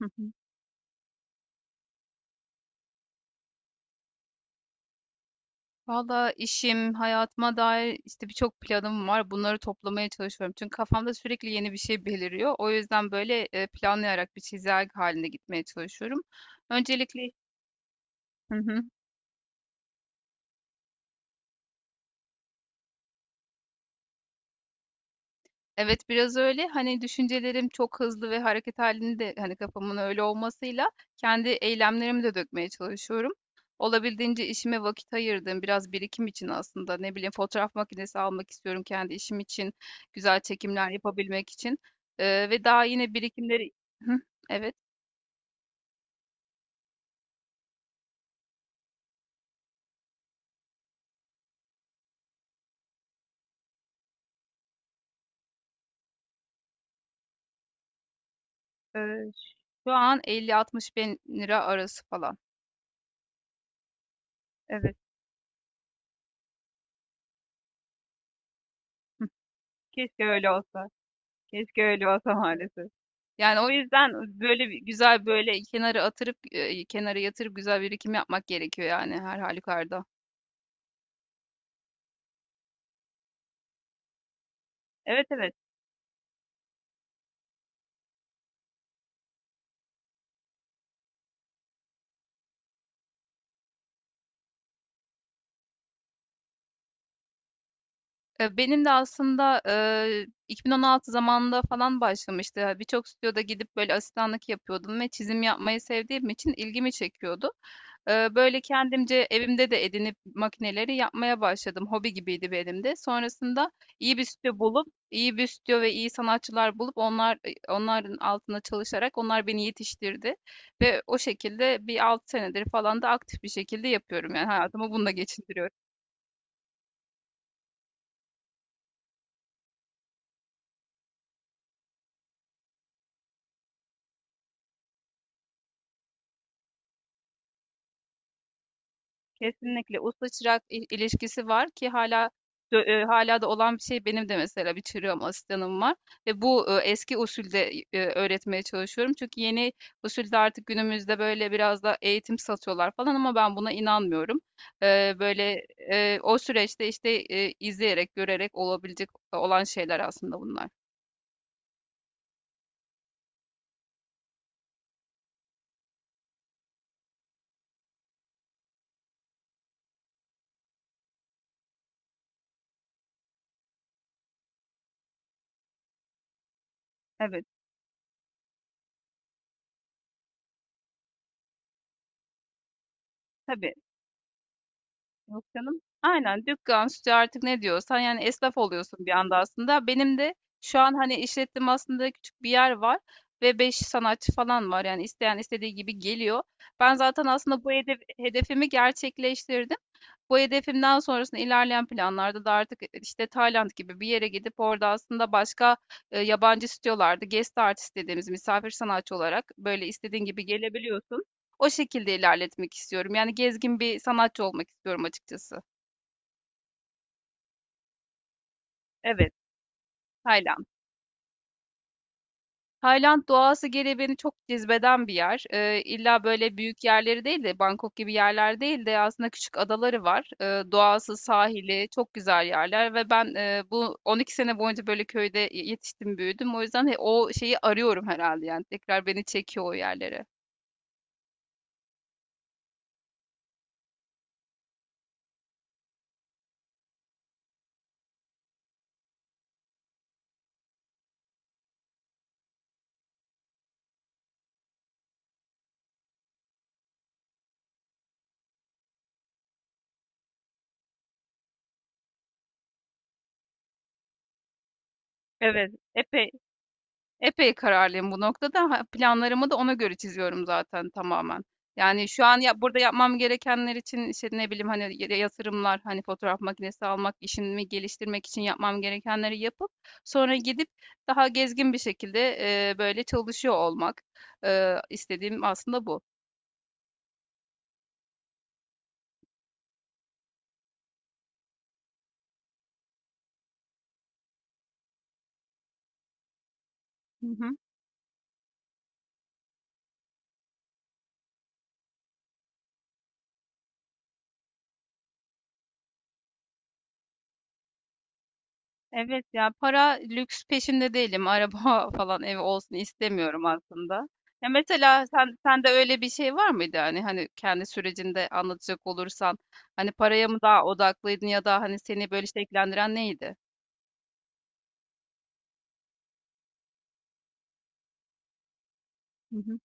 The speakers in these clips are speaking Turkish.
Hı hı. Valla işim, hayatıma dair işte birçok planım var. Bunları toplamaya çalışıyorum. Çünkü kafamda sürekli yeni bir şey beliriyor. O yüzden böyle planlayarak bir çizelge halinde gitmeye çalışıyorum. Öncelikle. Hı hı. Evet, biraz öyle. Hani, düşüncelerim çok hızlı ve hareket hâlinde, hani, kafamın öyle olmasıyla kendi eylemlerimi de dökmeye çalışıyorum. Olabildiğince işime vakit ayırdım, biraz birikim için aslında, ne bileyim, fotoğraf makinesi almak istiyorum kendi işim için, güzel çekimler yapabilmek için, ve daha yine birikimleri. Hıh. Evet. Eee, şu an 50-60 bin lira arası falan. Evet. Hıh. Keşke öyle olsa. Keşke öyle olsa maalesef. Yani o yüzden böyle güzel böyle kenara yatırıp güzel birikim yapmak gerekiyor yani her halükarda. Evet, evet. Benim de aslında, 2016 zamanında falan başlamıştı. Ya, birçok stüdyoda gidip böyle asistanlık yapıyordum ve çizim yapmayı sevdiğim için ilgimi çekiyordu. Böyle kendimce evimde de edinip makineleri yapmaya başladım. Hobi gibiydi benim de. Sonrasında iyi bir stüdyo ve iyi sanatçılar bulup onların altında çalışarak onlar beni yetiştirdi ve o şekilde bir 6 senedir falan da aktif bir şekilde yapıyorum. Yani hayatımı bununla geçindiriyorum. Kesinlikle usta çırak ilişkisi var ki hala dö hâlâ da olan bir şey. Benim de mesela bir çırağım, asistanım var ve bu, eski usulde, öğretmeye çalışıyorum. Çünkü yeni usulde artık günümüzde böyle biraz da eğitim satıyorlar falan ama ben buna inanmıyorum. Böyle, o süreçte, işte, izleyerek, görerek olabilecek olan şeyler aslında bunlar. Evet, tabii. Yok canım. Aynen dükkan, stüdyo artık ne diyorsan yani esnaf oluyorsun bir anda aslında. Benim de şu an hani işlettim aslında küçük bir yer var ve 5 sanatçı falan var. Yani isteyen istediği gibi geliyor. Ben zaten aslında hedefimi gerçekleştirdim. Bu hedefimden sonrasında ilerleyen planlarda da artık işte Tayland gibi bir yere gidip orada aslında başka yabancı stüdyolarda guest artist dediğimiz misafir sanatçı olarak böyle istediğin gibi gelebiliyorsun. O şekilde ilerletmek istiyorum. Yani gezgin bir sanatçı olmak istiyorum açıkçası. Evet. Tayland. Tayland doğası geri beni çok cezbeden bir yer. İlla böyle büyük yerleri değil de Bangkok gibi yerler değil de aslında küçük adaları var. Doğası, sahili çok güzel yerler ve ben bu 12 sene boyunca böyle köyde yetiştim, büyüdüm. O yüzden o şeyi arıyorum herhalde yani tekrar beni çekiyor o yerlere. Evet, epey Epey kararlıyım bu noktada. Ha, planlarımı da ona göre çiziyorum zaten tamamen. Yani şu an ya, burada yapmam gerekenler için işte ne bileyim hani yatırımlar, hani fotoğraf makinesi almak, işimi geliştirmek için yapmam gerekenleri yapıp sonra gidip daha gezgin bir şekilde böyle çalışıyor olmak. E, istediğim aslında bu. Hı hı. Evet ya, para lüks peşinde değilim. Araba falan ev olsun istemiyorum aslında. Ya mesela sende öyle bir şey var mıydı yani, hani kendi sürecinde anlatacak olursan hani paraya mı daha odaklıydın ya da hani seni böyle şekillendiren neydi? Hı hı.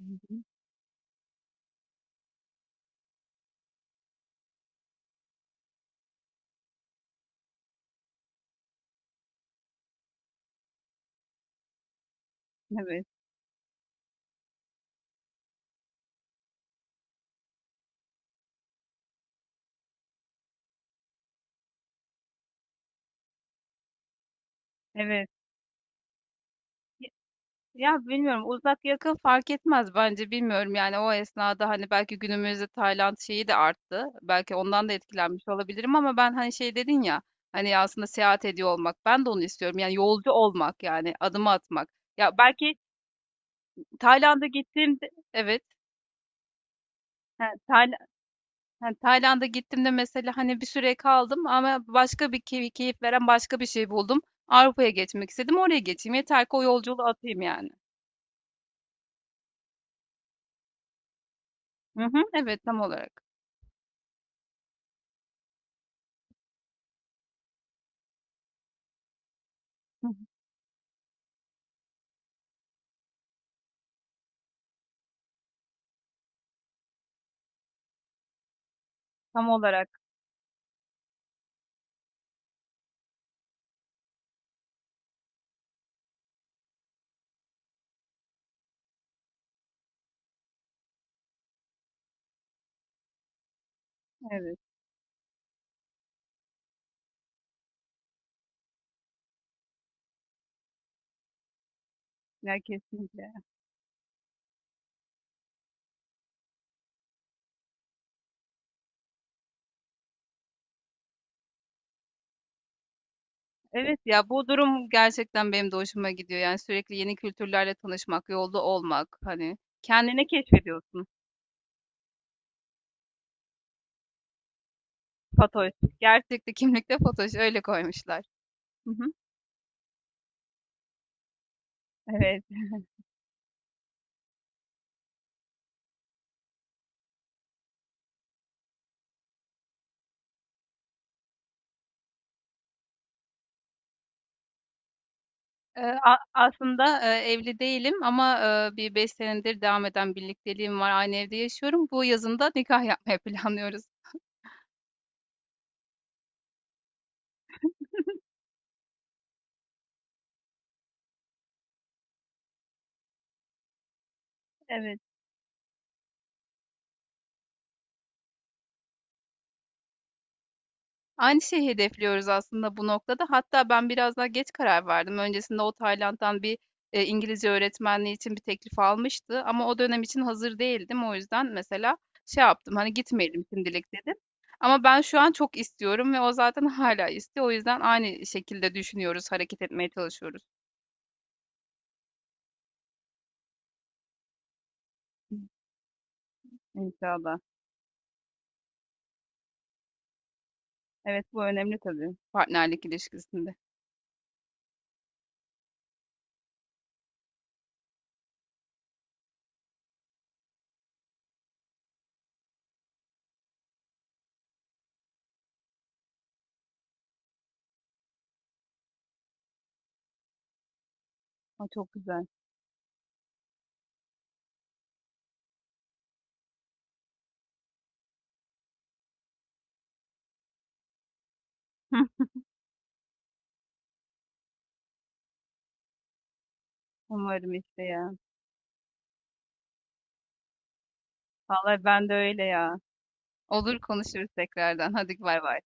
Hı hı. Evet, evet. Ya bilmiyorum, uzak yakın fark etmez bence, bilmiyorum yani o esnada, hani belki günümüzde Tayland şeyi de arttı. Belki ondan da etkilenmiş olabilirim ama ben hani şey dedin ya, hani aslında seyahat ediyor olmak, ben de onu istiyorum yani, yolcu olmak yani, adımı atmak. Ya belki Tayland'a gittiğimde evet. Ha, Tayland'a gittiğimde mesela hani bir süre kaldım ama başka bir keyif veren başka bir şey buldum. Avrupa'ya geçmek istedim, oraya geçeyim yeter ki, o yolculuğu atayım yani. Hı hı, evet tam olarak. Hı hı. Tam olarak. Evet, ya kesinlikle. Evet ya, bu durum gerçekten benim de hoşuma gidiyor. Yani sürekli yeni kültürlerle tanışmak, yolda olmak, hani kendini keşfediyorsun. Fatoş. Gerçekte kimlikte Fatoş, öyle koymuşlar. Hı hı. Evet. Aslında evli değilim ama bir 5 senedir devam eden birlikteliğim var. Aynı evde yaşıyorum. Bu yazın da nikah yapmayı planlıyoruz. Evet. Aynı şeyi hedefliyoruz aslında bu noktada. Hatta ben biraz daha geç karar verdim. Öncesinde o Tayland'dan bir, İngilizce öğretmenliği için bir teklif almıştı ama o dönem için hazır değildim. O yüzden mesela şey yaptım, hani, "Gitmeyelim şimdilik," dedim. Ama ben şu an çok istiyorum ve o zaten hala istiyor. O yüzden aynı şekilde düşünüyoruz, hareket etmeye çalışıyoruz. Hı, İnşallah. Evet, bu önemli tabii partnerlik ilişkisinde. A, çok güzel. Hıh. Umarım işte ya. Vallahi ben de öyle ya. Olur, konuşuruz tekrardan. Hadi, bay bay.